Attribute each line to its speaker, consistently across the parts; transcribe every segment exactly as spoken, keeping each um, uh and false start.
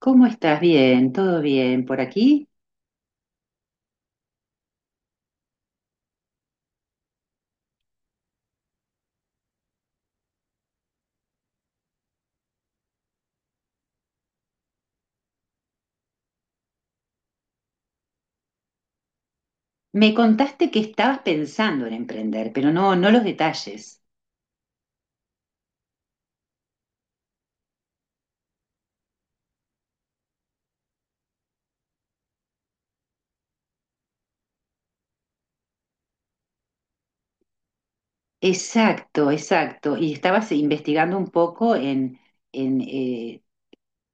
Speaker 1: ¿Cómo estás? Bien, todo bien por aquí. Me contaste que estabas pensando en emprender, pero no, no los detalles. Exacto, exacto. Y estabas investigando un poco en, en eh,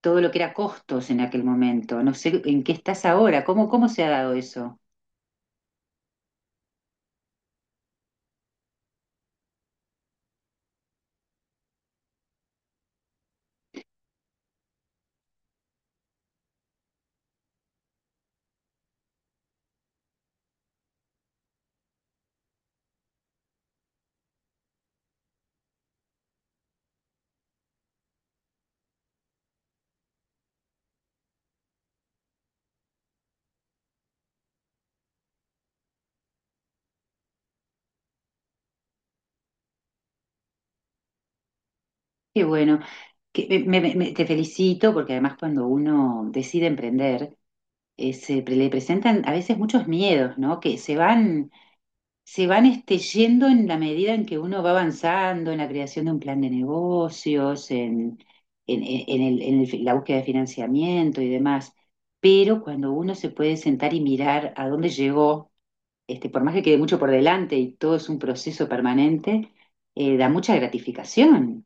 Speaker 1: todo lo que era costos en aquel momento. No sé en qué estás ahora, cómo, cómo se ha dado eso. Qué bueno. Que, me- me- me- Te felicito porque además cuando uno decide emprender, eh, se pre- le presentan a veces muchos miedos, ¿no? Que se van se van este, yendo en la medida en que uno va avanzando en la creación de un plan de negocios, en, en- en- en el- en el la búsqueda de financiamiento y demás. Pero cuando uno se puede sentar y mirar a dónde llegó, este, por más que quede mucho por delante y todo es un proceso permanente, eh, da mucha gratificación.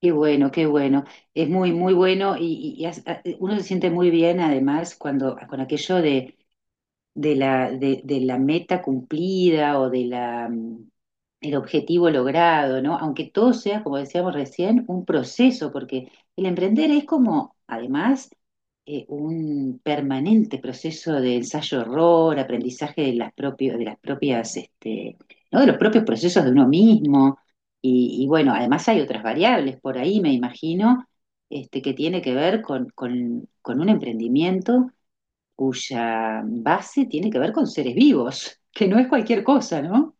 Speaker 1: Qué bueno, qué bueno. Es muy, muy bueno y, y- y has- a- uno se siente muy bien además cuando con aquello de, de la, de, de la meta cumplida o de la, mm, el objetivo logrado, ¿no? Aunque todo sea, como decíamos recién, un proceso, porque el emprender es como, además, eh, un permanente proceso de ensayo-error, aprendizaje de las propias, de las propias, este, ¿no? De los propios procesos de uno mismo y, y bueno, además hay otras variables por ahí, me imagino, este, que tiene que ver con, con- con un emprendimiento cuya base tiene que ver con seres vivos, que no es cualquier cosa, ¿no?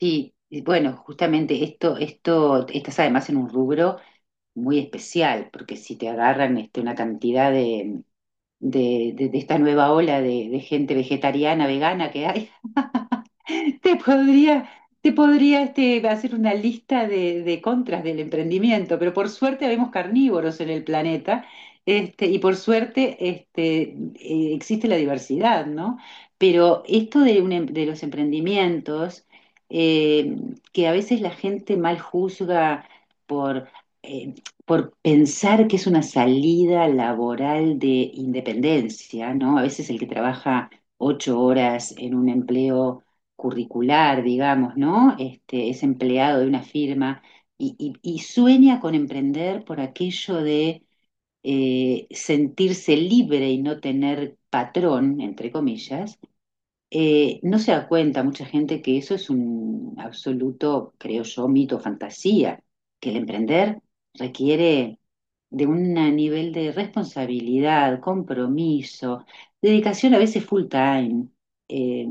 Speaker 1: Sí, y bueno, justamente esto, esto, estás además en un rubro muy especial, porque si te agarran este, una cantidad de, de, de- de esta nueva ola de, de gente vegetariana, vegana que hay. Te podría, Te podría este, hacer una lista de, de contras del emprendimiento, pero por suerte vemos carnívoros en el planeta, este, y por suerte este, eh, existe la diversidad, ¿no? Pero esto de, un em- de los emprendimientos, eh, que a veces la gente mal juzga por, eh, por pensar que es una salida laboral de independencia, ¿no? A veces el que trabaja ocho horas en un empleo curricular, digamos, ¿no? Este, es empleado de una firma y, y- y- sueña con emprender por aquello de eh, sentirse libre y no tener patrón, entre comillas, eh, no se da cuenta mucha gente que eso es un absoluto, creo yo, mito, fantasía, que el emprender requiere de un nivel de responsabilidad, compromiso, dedicación a veces full time. Eh,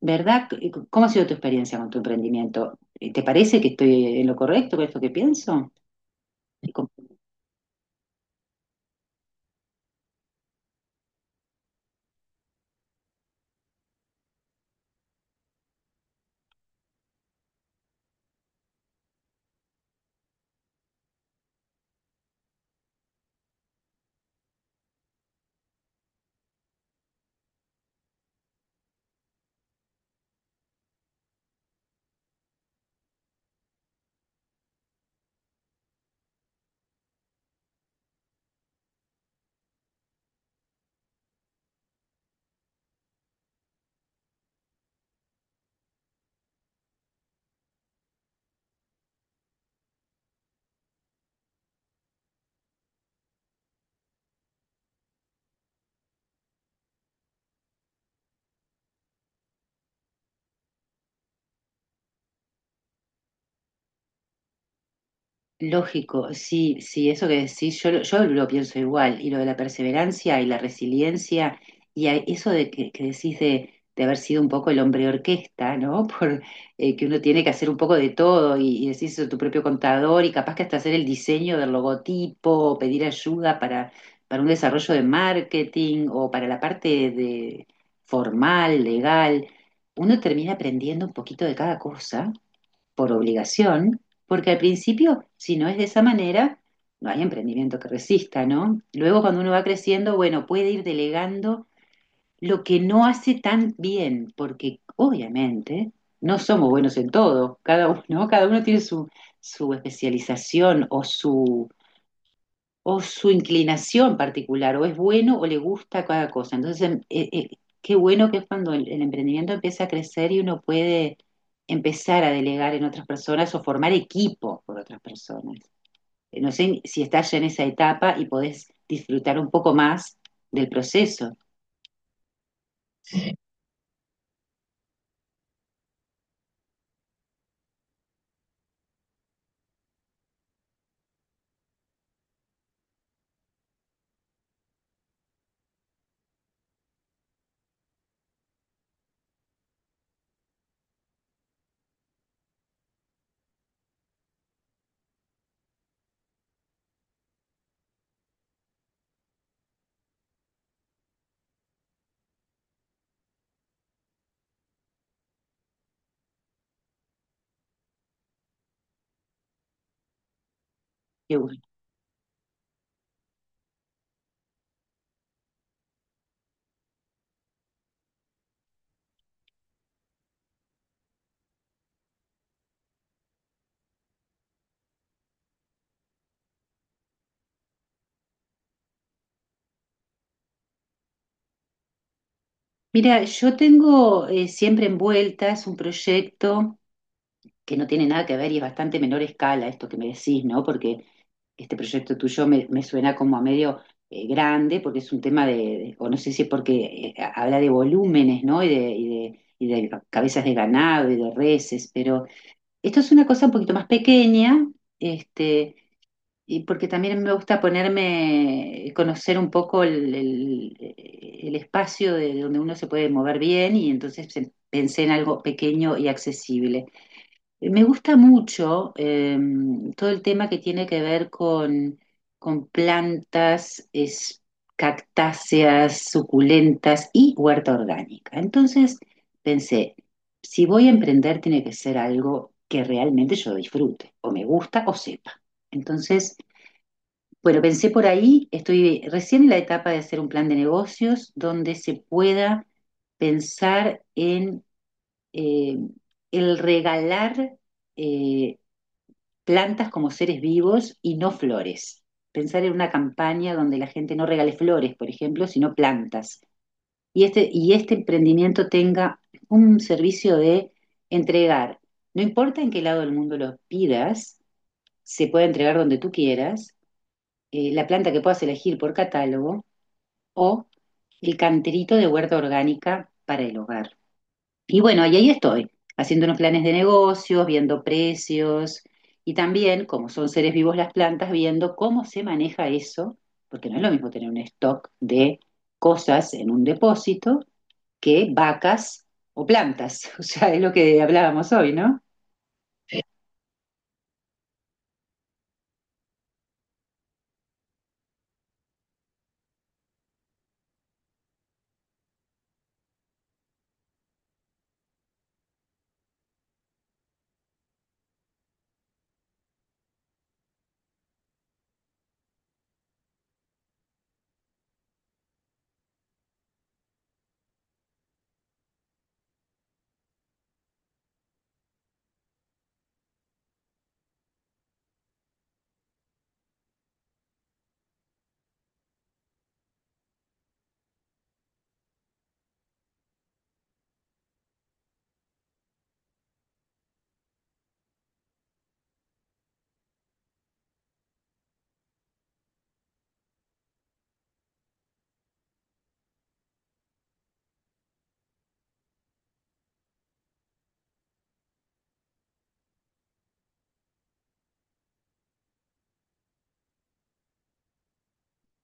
Speaker 1: ¿Verdad? ¿Cómo ha sido tu experiencia con tu emprendimiento? ¿Te parece que estoy en lo correcto con esto que pienso? Lógico, sí, sí, eso que decís, yo, lo- yo lo pienso igual, y lo de la perseverancia y la resiliencia, y a- eso de que, que decís de, de haber sido un poco el hombre orquesta, ¿no? Por, eh, que uno tiene que hacer un poco de todo, y, y decís tu propio contador, y capaz que hasta hacer el diseño del logotipo, pedir ayuda para, para un desarrollo de marketing o para la parte de formal, legal, uno termina aprendiendo un poquito de cada cosa por obligación, porque al principio, si no es de esa manera, no hay emprendimiento que resista, ¿no? Luego cuando uno va creciendo, bueno, puede ir delegando lo que no hace tan bien, porque obviamente no somos buenos en todo, cada uno, ¿no? Cada uno tiene su, su especialización o su o su inclinación particular, o es bueno o le gusta cada cosa. Entonces, em, eh, eh, qué bueno que es cuando el, el emprendimiento empieza a crecer y uno puede empezar a delegar en otras personas o formar equipo por otras personas. Eh, No sé si estás ya en esa etapa y podés disfrutar un poco más del proceso. Qué bueno. Mira, yo tengo eh, siempre envuelta, es un proyecto que no tiene nada que ver y es bastante menor escala esto que me decís, ¿no? Porque este proyecto tuyo me, me suena como a medio eh, grande, porque es un tema de, de- o no sé si es porque eh, habla de volúmenes, ¿no? Y de, y de, y de cabezas de ganado y de reses, pero esto es una cosa un poquito más pequeña, este, y porque también me gusta ponerme, conocer un poco el, el- eh, el espacio de donde uno se puede mover bien y entonces se- pensé en algo pequeño y accesible. Eh, Me gusta mucho eh, todo el tema que tiene que ver con, con plantas, es- cactáceas, suculentas y huerta orgánica. Entonces pensé, si voy a emprender tiene que ser algo que realmente yo disfrute, o me gusta o sepa. Entonces... Bueno, pensé por ahí, estoy recién en la etapa de hacer un plan de negocios donde se pueda pensar en eh, el regalar eh, plantas como seres vivos y no flores. Pensar en una campaña donde la gente no regale flores, por ejemplo, sino plantas. Y este, y este emprendimiento tenga un servicio de entregar. No importa en qué lado del mundo lo pidas, se puede entregar donde tú quieras, eh, la planta que puedas elegir por catálogo o el canterito de huerta orgánica para el hogar. Y bueno, y ahí estoy, haciendo unos planes de negocios, viendo precios y también, como son seres vivos las plantas, viendo cómo se maneja eso, porque no es lo mismo tener un stock de cosas en un depósito que vacas o plantas. O sea, es lo que hablábamos hoy, ¿no?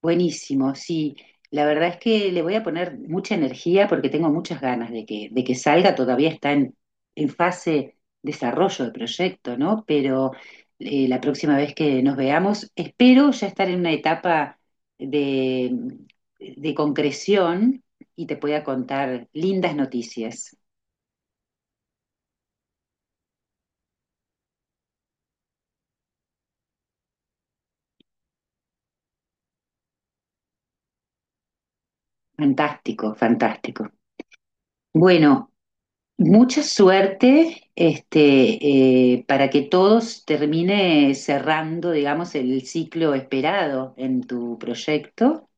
Speaker 1: Buenísimo, sí. La verdad es que le voy a poner mucha energía porque tengo muchas ganas de que, de que salga. Todavía está en, en fase desarrollo de proyecto, ¿no? Pero eh, la próxima vez que nos veamos, espero ya estar en una etapa de, de concreción y te pueda contar lindas noticias. Fantástico, fantástico. Bueno, mucha suerte, este, eh, para que todos termine cerrando, digamos, el ciclo esperado en tu proyecto.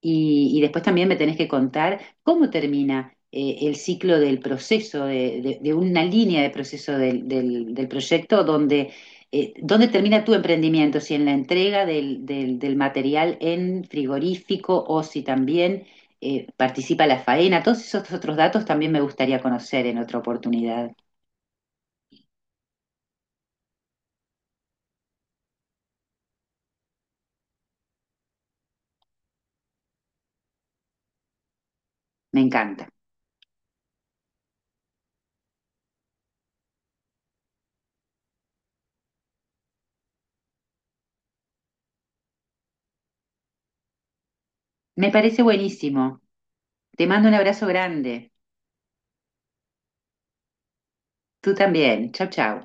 Speaker 1: Y, y después también me tenés que contar cómo termina eh, el ciclo del proceso, de, de- de una línea de proceso del, del- del proyecto, donde, eh, dónde termina tu emprendimiento, si en la entrega del, del- del material en frigorífico o si también eh, participa la faena. Todos esos otros datos también me gustaría conocer en otra oportunidad. Me encanta. Me parece buenísimo. Te mando un abrazo grande. Tú también. Chau, chau.